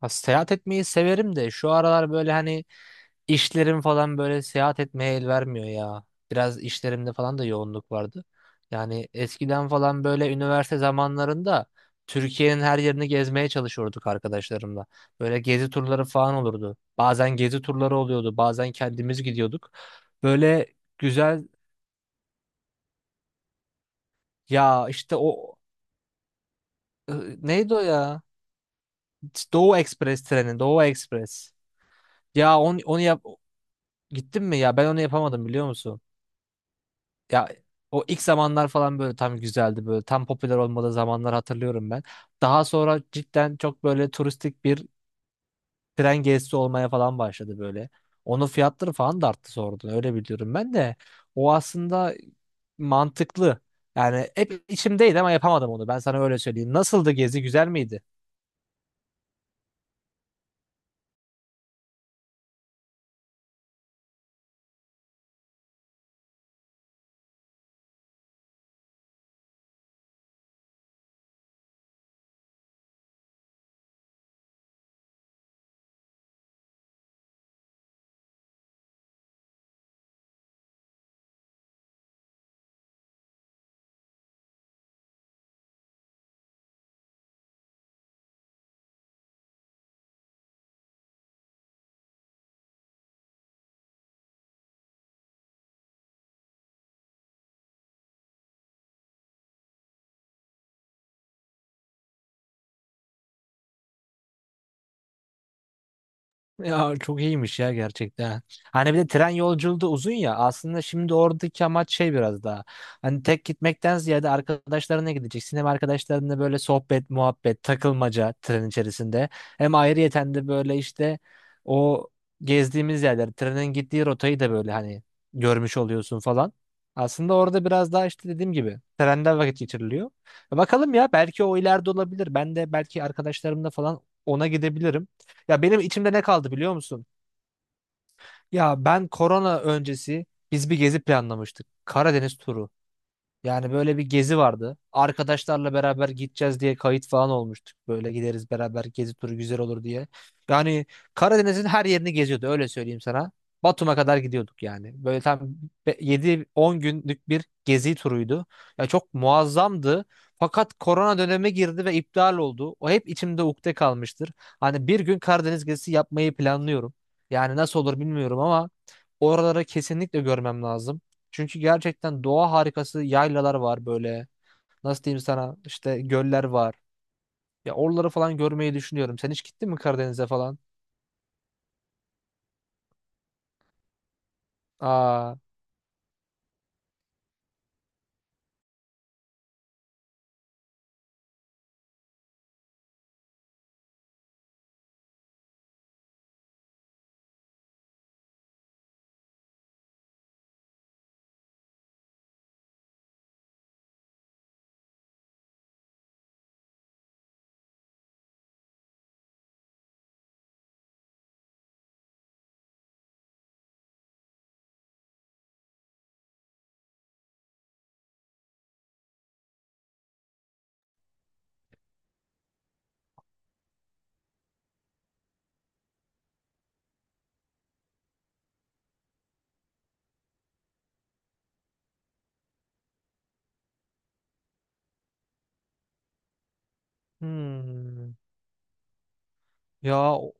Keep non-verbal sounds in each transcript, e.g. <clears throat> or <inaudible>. Ha, seyahat etmeyi severim de şu aralar böyle hani işlerim falan böyle seyahat etmeye el vermiyor ya. Biraz işlerimde falan da yoğunluk vardı. Yani eskiden falan böyle üniversite zamanlarında Türkiye'nin her yerini gezmeye çalışıyorduk arkadaşlarımla. Böyle gezi turları falan olurdu. Bazen gezi turları oluyordu, bazen kendimiz gidiyorduk. Böyle güzel ya işte o e, neydi o ya? Doğu Ekspres treni, Doğu Ekspres. Ya onu yap. Gittin mi ya? Ben onu yapamadım biliyor musun? Ya o ilk zamanlar falan böyle tam güzeldi, böyle tam popüler olmadığı zamanlar hatırlıyorum ben. Daha sonra cidden çok böyle turistik bir tren gezisi olmaya falan başladı böyle. Onun fiyatları falan da arttı sonradan, öyle biliyorum ben de. O aslında mantıklı. Yani hep içimdeydi ama yapamadım onu. Ben sana öyle söyleyeyim. Nasıldı gezi? Güzel miydi? Ya çok iyiymiş ya gerçekten. Hani bir de tren yolculuğu da uzun ya. Aslında şimdi oradaki amaç şey biraz daha. Hani tek gitmekten ziyade arkadaşlarına gideceksin. Hem arkadaşlarınla böyle sohbet, muhabbet, takılmaca tren içerisinde. Hem ayrıyeten de böyle işte o gezdiğimiz yerler, trenin gittiği rotayı da böyle hani görmüş oluyorsun falan. Aslında orada biraz daha işte dediğim gibi trenden vakit geçiriliyor. Bakalım ya, belki o ileride olabilir. Ben de belki arkadaşlarımla falan ona gidebilirim. Ya benim içimde ne kaldı biliyor musun? Ya ben korona öncesi biz bir gezi planlamıştık. Karadeniz turu. Yani böyle bir gezi vardı. Arkadaşlarla beraber gideceğiz diye kayıt falan olmuştuk. Böyle gideriz beraber, gezi turu güzel olur diye. Yani Karadeniz'in her yerini geziyordu, öyle söyleyeyim sana. Batum'a kadar gidiyorduk yani. Böyle tam 7-10 günlük bir gezi turuydu. Ya çok muazzamdı. Fakat korona dönemi girdi ve iptal oldu. O hep içimde ukde kalmıştır. Hani bir gün Karadeniz gezisi yapmayı planlıyorum. Yani nasıl olur bilmiyorum ama oraları kesinlikle görmem lazım. Çünkü gerçekten doğa harikası yaylalar var böyle. Nasıl diyeyim sana, işte göller var. Ya oraları falan görmeyi düşünüyorum. Sen hiç gittin mi Karadeniz'e falan? Aa. Hmm. Ya, o-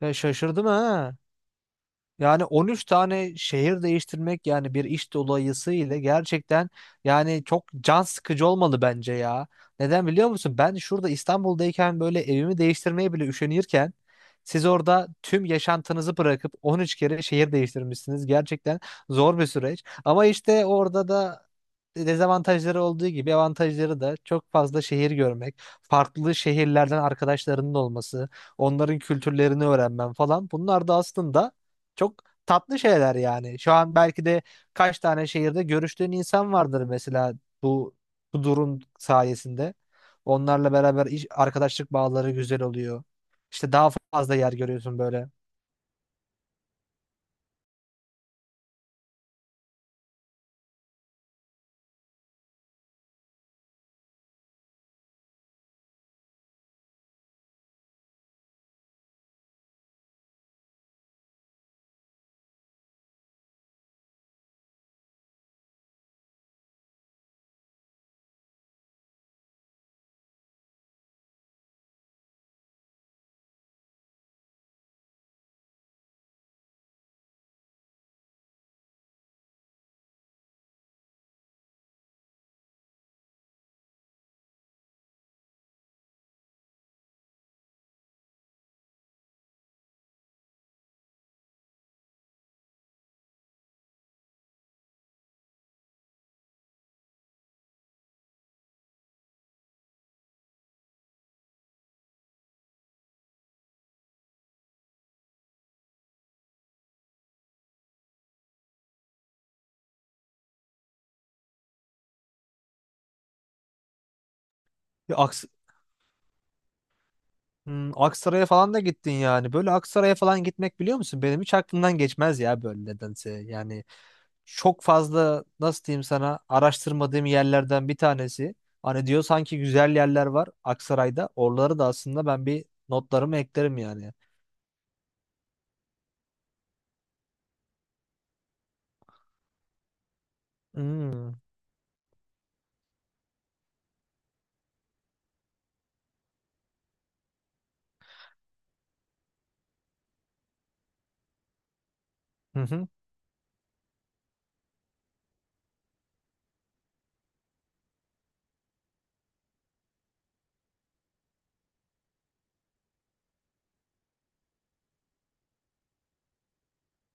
ya şaşırdım ha. Yani 13 tane şehir değiştirmek yani bir iş dolayısıyla gerçekten yani çok can sıkıcı olmalı bence ya. Neden biliyor musun? Ben şurada İstanbul'dayken böyle evimi değiştirmeye bile üşenirken siz orada tüm yaşantınızı bırakıp 13 kere şehir değiştirmişsiniz. Gerçekten zor bir süreç. Ama işte orada da dezavantajları olduğu gibi avantajları da çok fazla: şehir görmek, farklı şehirlerden arkadaşlarının olması, onların kültürlerini öğrenmen falan. Bunlar da aslında çok tatlı şeyler yani. Şu an belki de kaç tane şehirde görüştüğün insan vardır mesela bu bu durum sayesinde. Onlarla beraber iş, arkadaşlık bağları güzel oluyor. İşte daha fazla yer görüyorsun böyle. Bir Aks- Hmm, Aksaray'a falan da gittin yani. Böyle Aksaray'a falan gitmek biliyor musun? Benim hiç aklımdan geçmez ya böyle, nedense. Yani çok fazla, nasıl diyeyim sana, araştırmadığım yerlerden bir tanesi. Hani diyor sanki güzel yerler var Aksaray'da. Oraları da aslında ben bir notlarımı eklerim yani. Hmm. <laughs>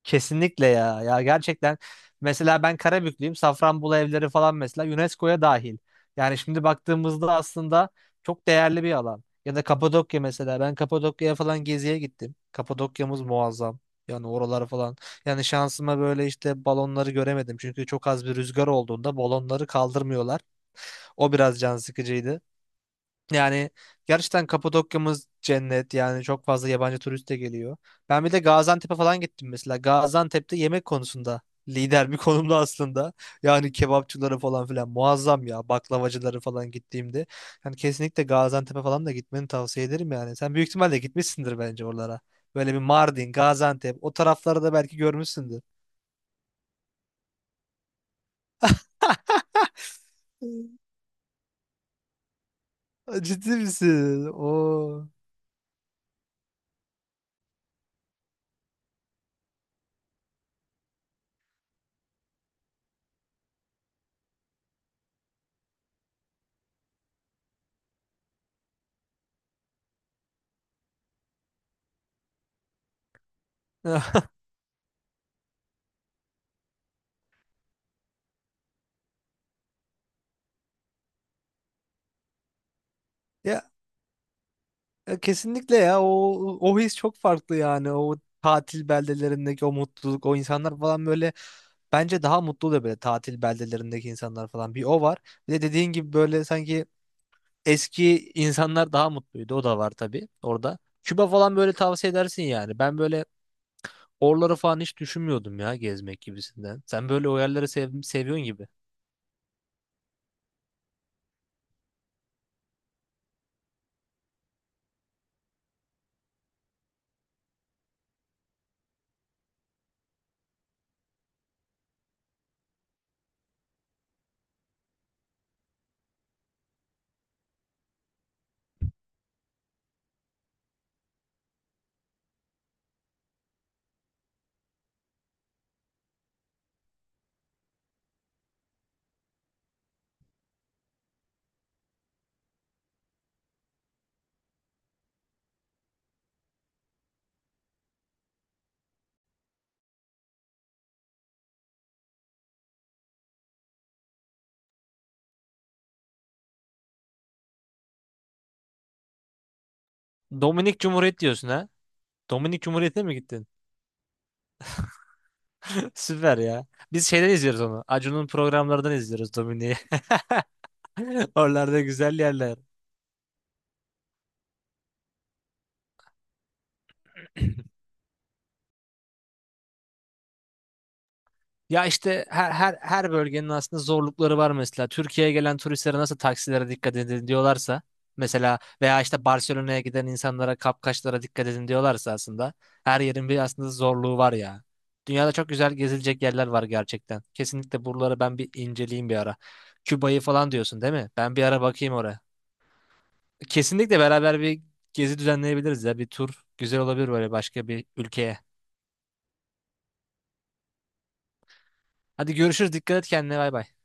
Kesinlikle ya. Ya gerçekten mesela ben Karabüklüyüm. Safranbolu evleri falan mesela UNESCO'ya dahil. Yani şimdi baktığımızda aslında çok değerli bir alan. Ya da Kapadokya mesela. Ben Kapadokya'ya falan geziye gittim. Kapadokya'mız muazzam. Yani oralar falan. Yani şansıma böyle işte balonları göremedim. Çünkü çok az bir rüzgar olduğunda balonları kaldırmıyorlar. O biraz can sıkıcıydı. Yani gerçekten Kapadokya'mız cennet yani, çok fazla yabancı turist de geliyor. Ben bir de Gaziantep'e falan gittim mesela. Gaziantep'te yemek konusunda lider bir konumda aslında. Yani kebapçıları falan filan muazzam ya, baklavacıları falan gittiğimde. Yani kesinlikle Gaziantep'e falan da gitmeni tavsiye ederim yani. Sen büyük ihtimalle gitmişsindir bence oralara. Böyle bir Mardin, Gaziantep, o tarafları da belki görmüşsündür. <laughs> Ciddi misin? Oo. <laughs> Ya kesinlikle ya, o o his çok farklı yani, o tatil beldelerindeki o mutluluk, o insanlar falan böyle, bence daha mutlu oluyor böyle tatil beldelerindeki insanlar falan, bir o var, bir de dediğin gibi böyle sanki eski insanlar daha mutluydu, o da var tabii orada. Küba falan böyle tavsiye edersin yani, ben böyle oraları falan hiç düşünmüyordum ya, gezmek gibisinden sen böyle o yerleri sev seviyorsun gibi. Dominik Cumhuriyet diyorsun ha, Dominik Cumhuriyet'e mi gittin? <laughs> Süper ya. Biz şeyden izliyoruz onu. Acun'un programlarından izliyoruz Domine'yi. <laughs> Oralarda güzel yerler. <clears throat> Ya işte her bölgenin aslında zorlukları var mesela. Türkiye'ye gelen turistlere nasıl taksilere dikkat edin diyorlarsa mesela, veya işte Barcelona'ya giden insanlara kapkaçlara dikkat edin diyorlarsa, aslında her yerin bir aslında zorluğu var ya. Dünyada çok güzel gezilecek yerler var gerçekten. Kesinlikle buraları ben bir inceleyeyim bir ara. Küba'yı falan diyorsun değil mi? Ben bir ara bakayım oraya. Kesinlikle beraber bir gezi düzenleyebiliriz ya. Bir tur güzel olabilir, böyle başka bir ülkeye. Hadi görüşürüz. Dikkat et kendine. Bay bay.